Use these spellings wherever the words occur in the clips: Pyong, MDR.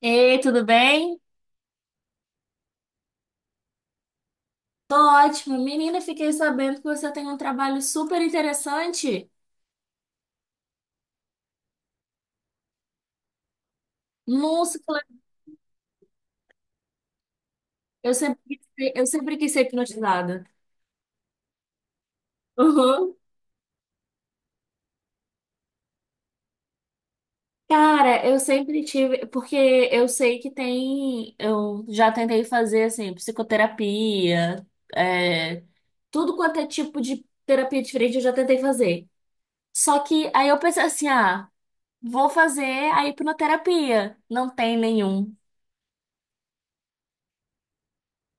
Ei, tudo bem? Tô ótimo. Menina, fiquei sabendo que você tem um trabalho super interessante. Nossa, eu sempre quis ser hipnotizada. Uhum. Cara, eu sempre tive, porque eu sei que tem, eu já tentei fazer assim, psicoterapia, é, tudo quanto é tipo de terapia diferente, eu já tentei fazer. Só que aí eu pensei assim, ah, vou fazer a hipnoterapia. Não tem nenhum.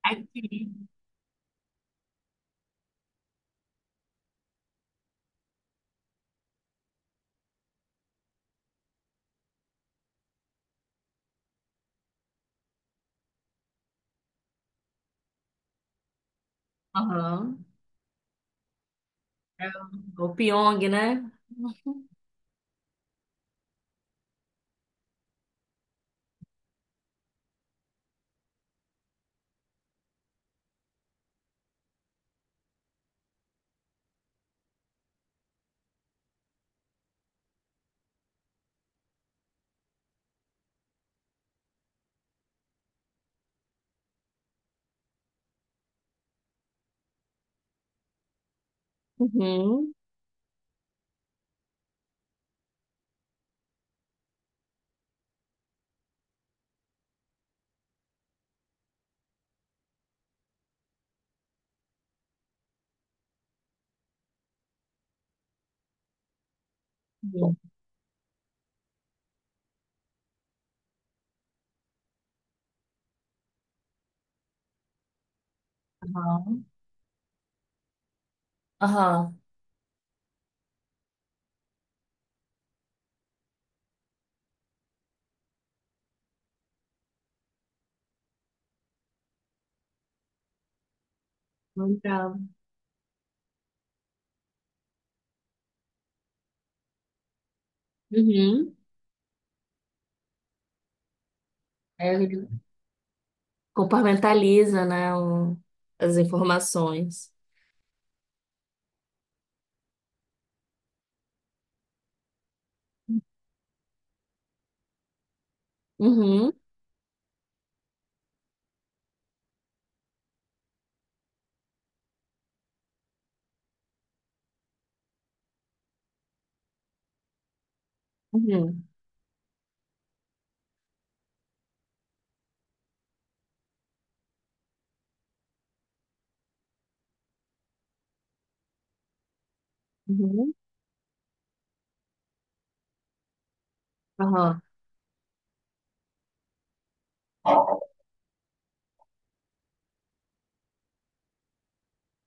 Aqui. Aham. O Pyong, né? Uhum. Bom. Aham. Aham. Lembrava. Uhum. Aí ele compartmentaliza, né, as informações. Uhum. Uhum. Uhum. Aham.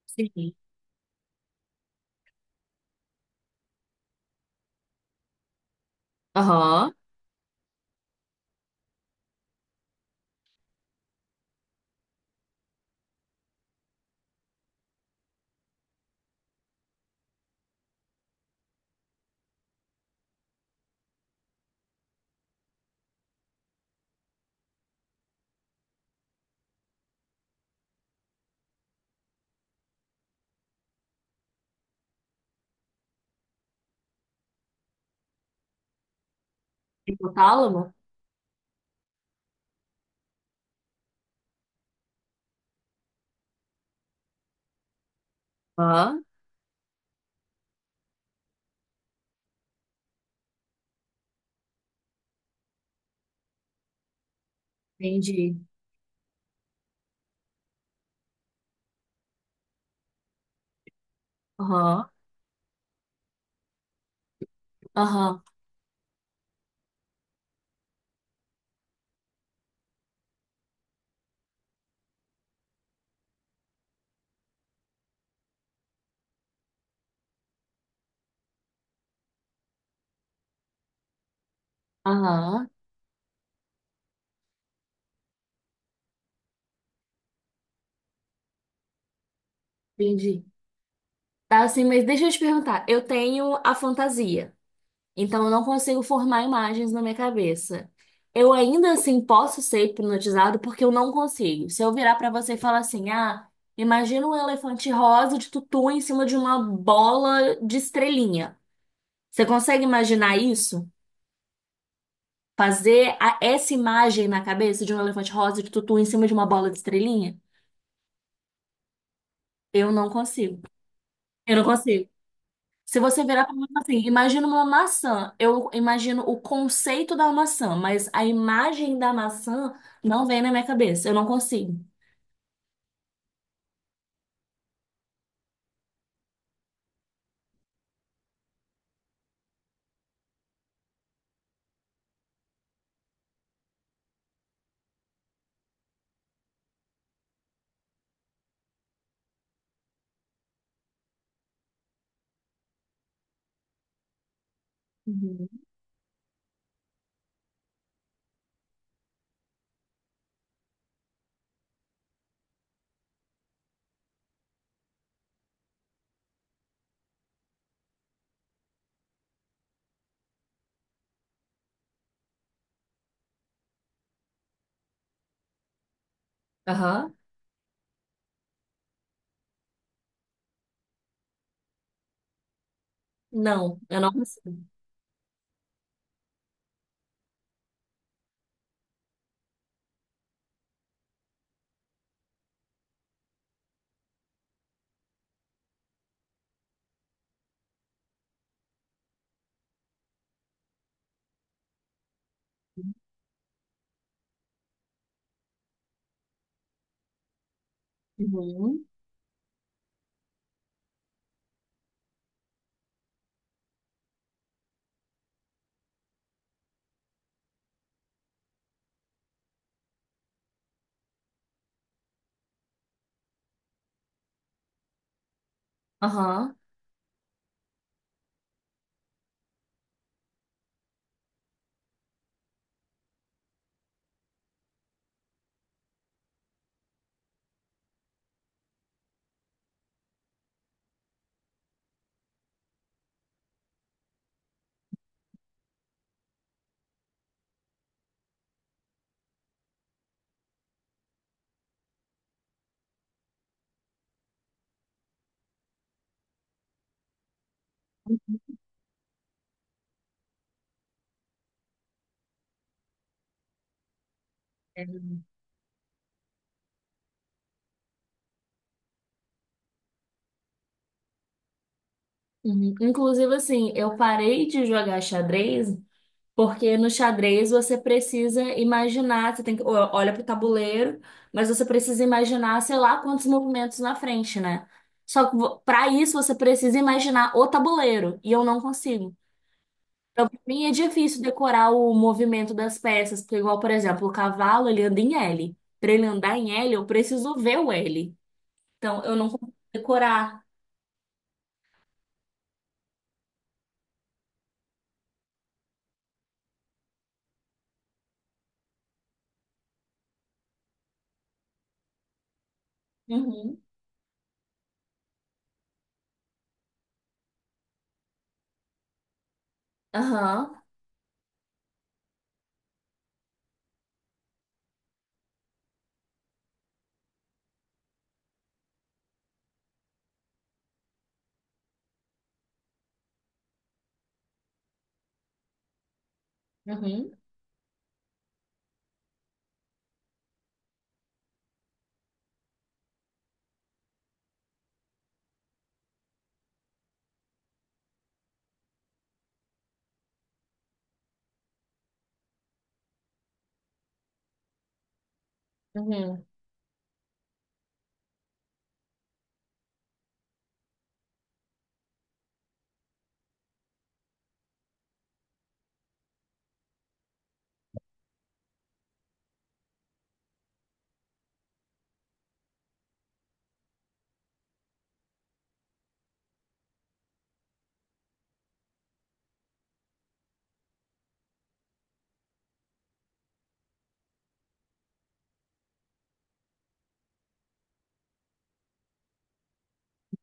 Sim. Aham. Hipotálamo? Aham. Entendi. Aham. Aham. Aham. Entendi. Tá assim, mas deixa eu te perguntar. Eu tenho a fantasia. Então eu não consigo formar imagens na minha cabeça. Eu ainda assim posso ser hipnotizado porque eu não consigo. Se eu virar pra você e falar assim: "Ah, imagina um elefante rosa de tutu em cima de uma bola de estrelinha". Você consegue imaginar isso? Fazer essa imagem na cabeça de um elefante rosa de tutu em cima de uma bola de estrelinha? Eu não consigo. Eu não consigo. Se você virar para mim e falar assim, imagina uma maçã. Eu imagino o conceito da maçã, mas a imagem da maçã não vem na minha cabeça. Eu não consigo. Uhum. Aham. Não, eu não consigo. Uhum. Aham. É. Uhum. Inclusive, assim, eu parei de jogar xadrez, porque no xadrez você precisa imaginar, você tem que, ó, olha pro tabuleiro, mas você precisa imaginar, sei lá, quantos movimentos na frente, né? Só que pra isso você precisa imaginar o tabuleiro, e eu não consigo. Então, pra mim é difícil decorar o movimento das peças, porque igual, por exemplo, o cavalo, ele anda em L. Pra ele andar em L, eu preciso ver o L. Então, eu não consigo decorar. Uhum. Aham. Uhum. Uhum.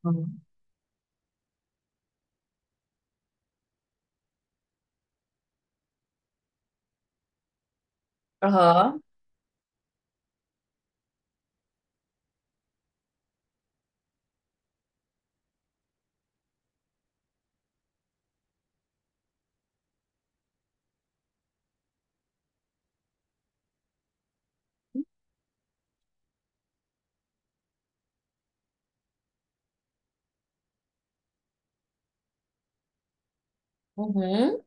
Aham. Uhum. Aham. Uhum.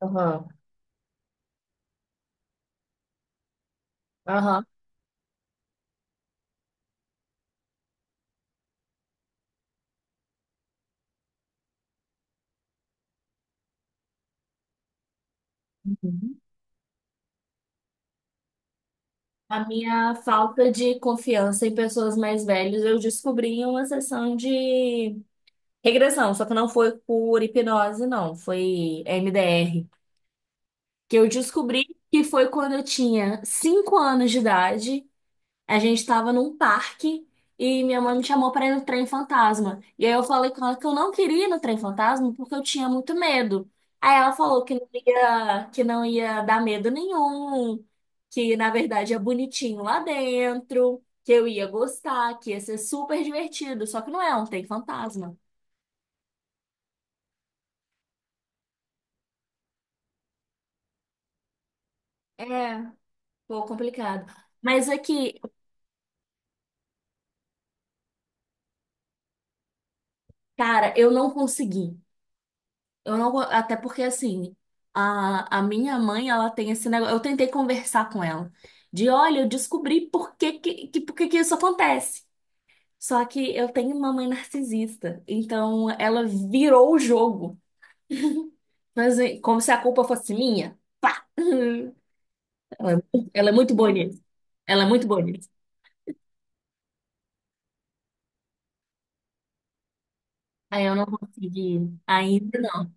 Uhum. Aham. Uhum. A minha falta de confiança em pessoas mais velhas eu descobri em uma sessão de regressão, só que não foi por hipnose, não, foi MDR. Que eu descobri que foi quando eu tinha 5 anos de idade. A gente estava num parque e minha mãe me chamou para ir no trem fantasma. E aí eu falei com ela que eu não queria ir no trem fantasma porque eu tinha muito medo. Aí ela falou que não ia dar medo nenhum, que na verdade é bonitinho lá dentro, que eu ia gostar, que ia ser super divertido. Só que não é um trem fantasma. É. Pô, complicado. Mas aqui, cara, eu não consegui. Eu não, go- Até porque assim, a minha mãe, ela tem esse negócio. Eu tentei conversar com ela de, olha, eu descobri por que que isso acontece. Só que eu tenho uma mãe narcisista, então ela virou o jogo, mas como se a culpa fosse minha. Pá! Ela é muito bonita. Ela é muito bonita. Aí eu não consegui ainda não.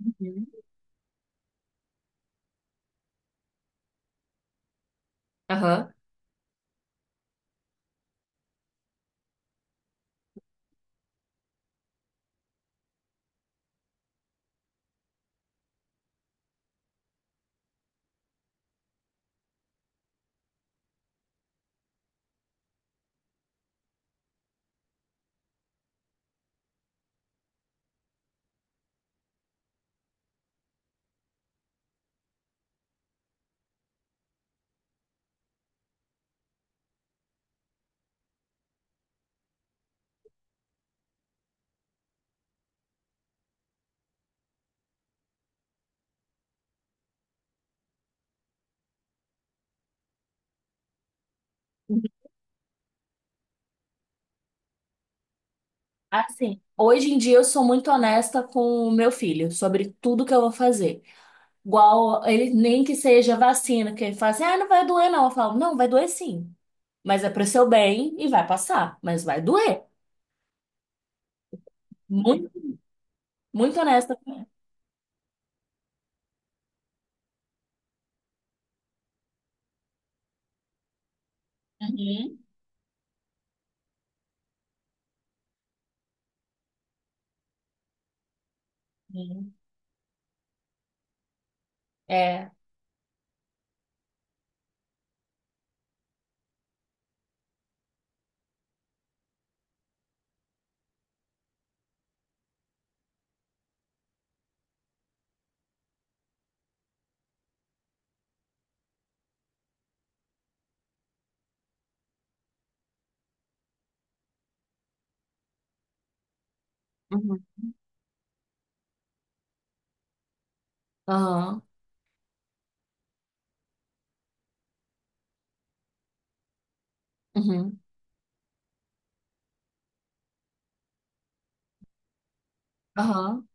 Uhum. Aham. Assim, hoje em dia eu sou muito honesta com o meu filho sobre tudo que eu vou fazer. Igual ele nem que seja vacina, que ele fala assim, ah, não vai doer, não. Eu falo, não, vai doer sim. Mas é pro seu bem e vai passar, mas vai doer. Muito, muito honesta. Uhum, uhum. É. Uhum, aham. Uhum. Aham.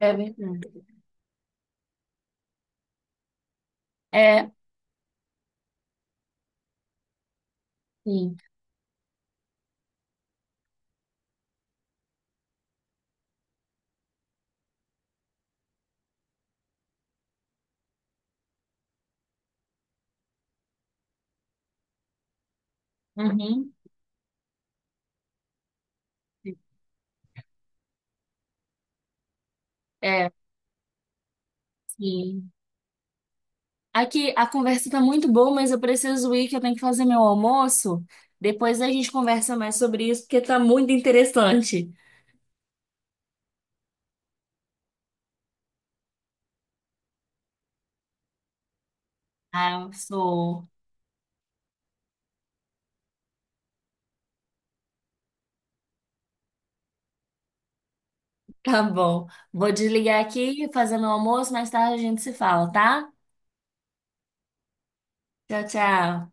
É verdade. É, sim. Uhum. É, sim. Aqui a conversa tá muito boa, mas eu preciso ir, que eu tenho que fazer meu almoço. Depois a gente conversa mais sobre isso, porque tá muito interessante. Ah, eu sou. Tá bom. Vou desligar aqui, fazendo o almoço, mais tarde a gente se fala, tá? Tchau, tchau.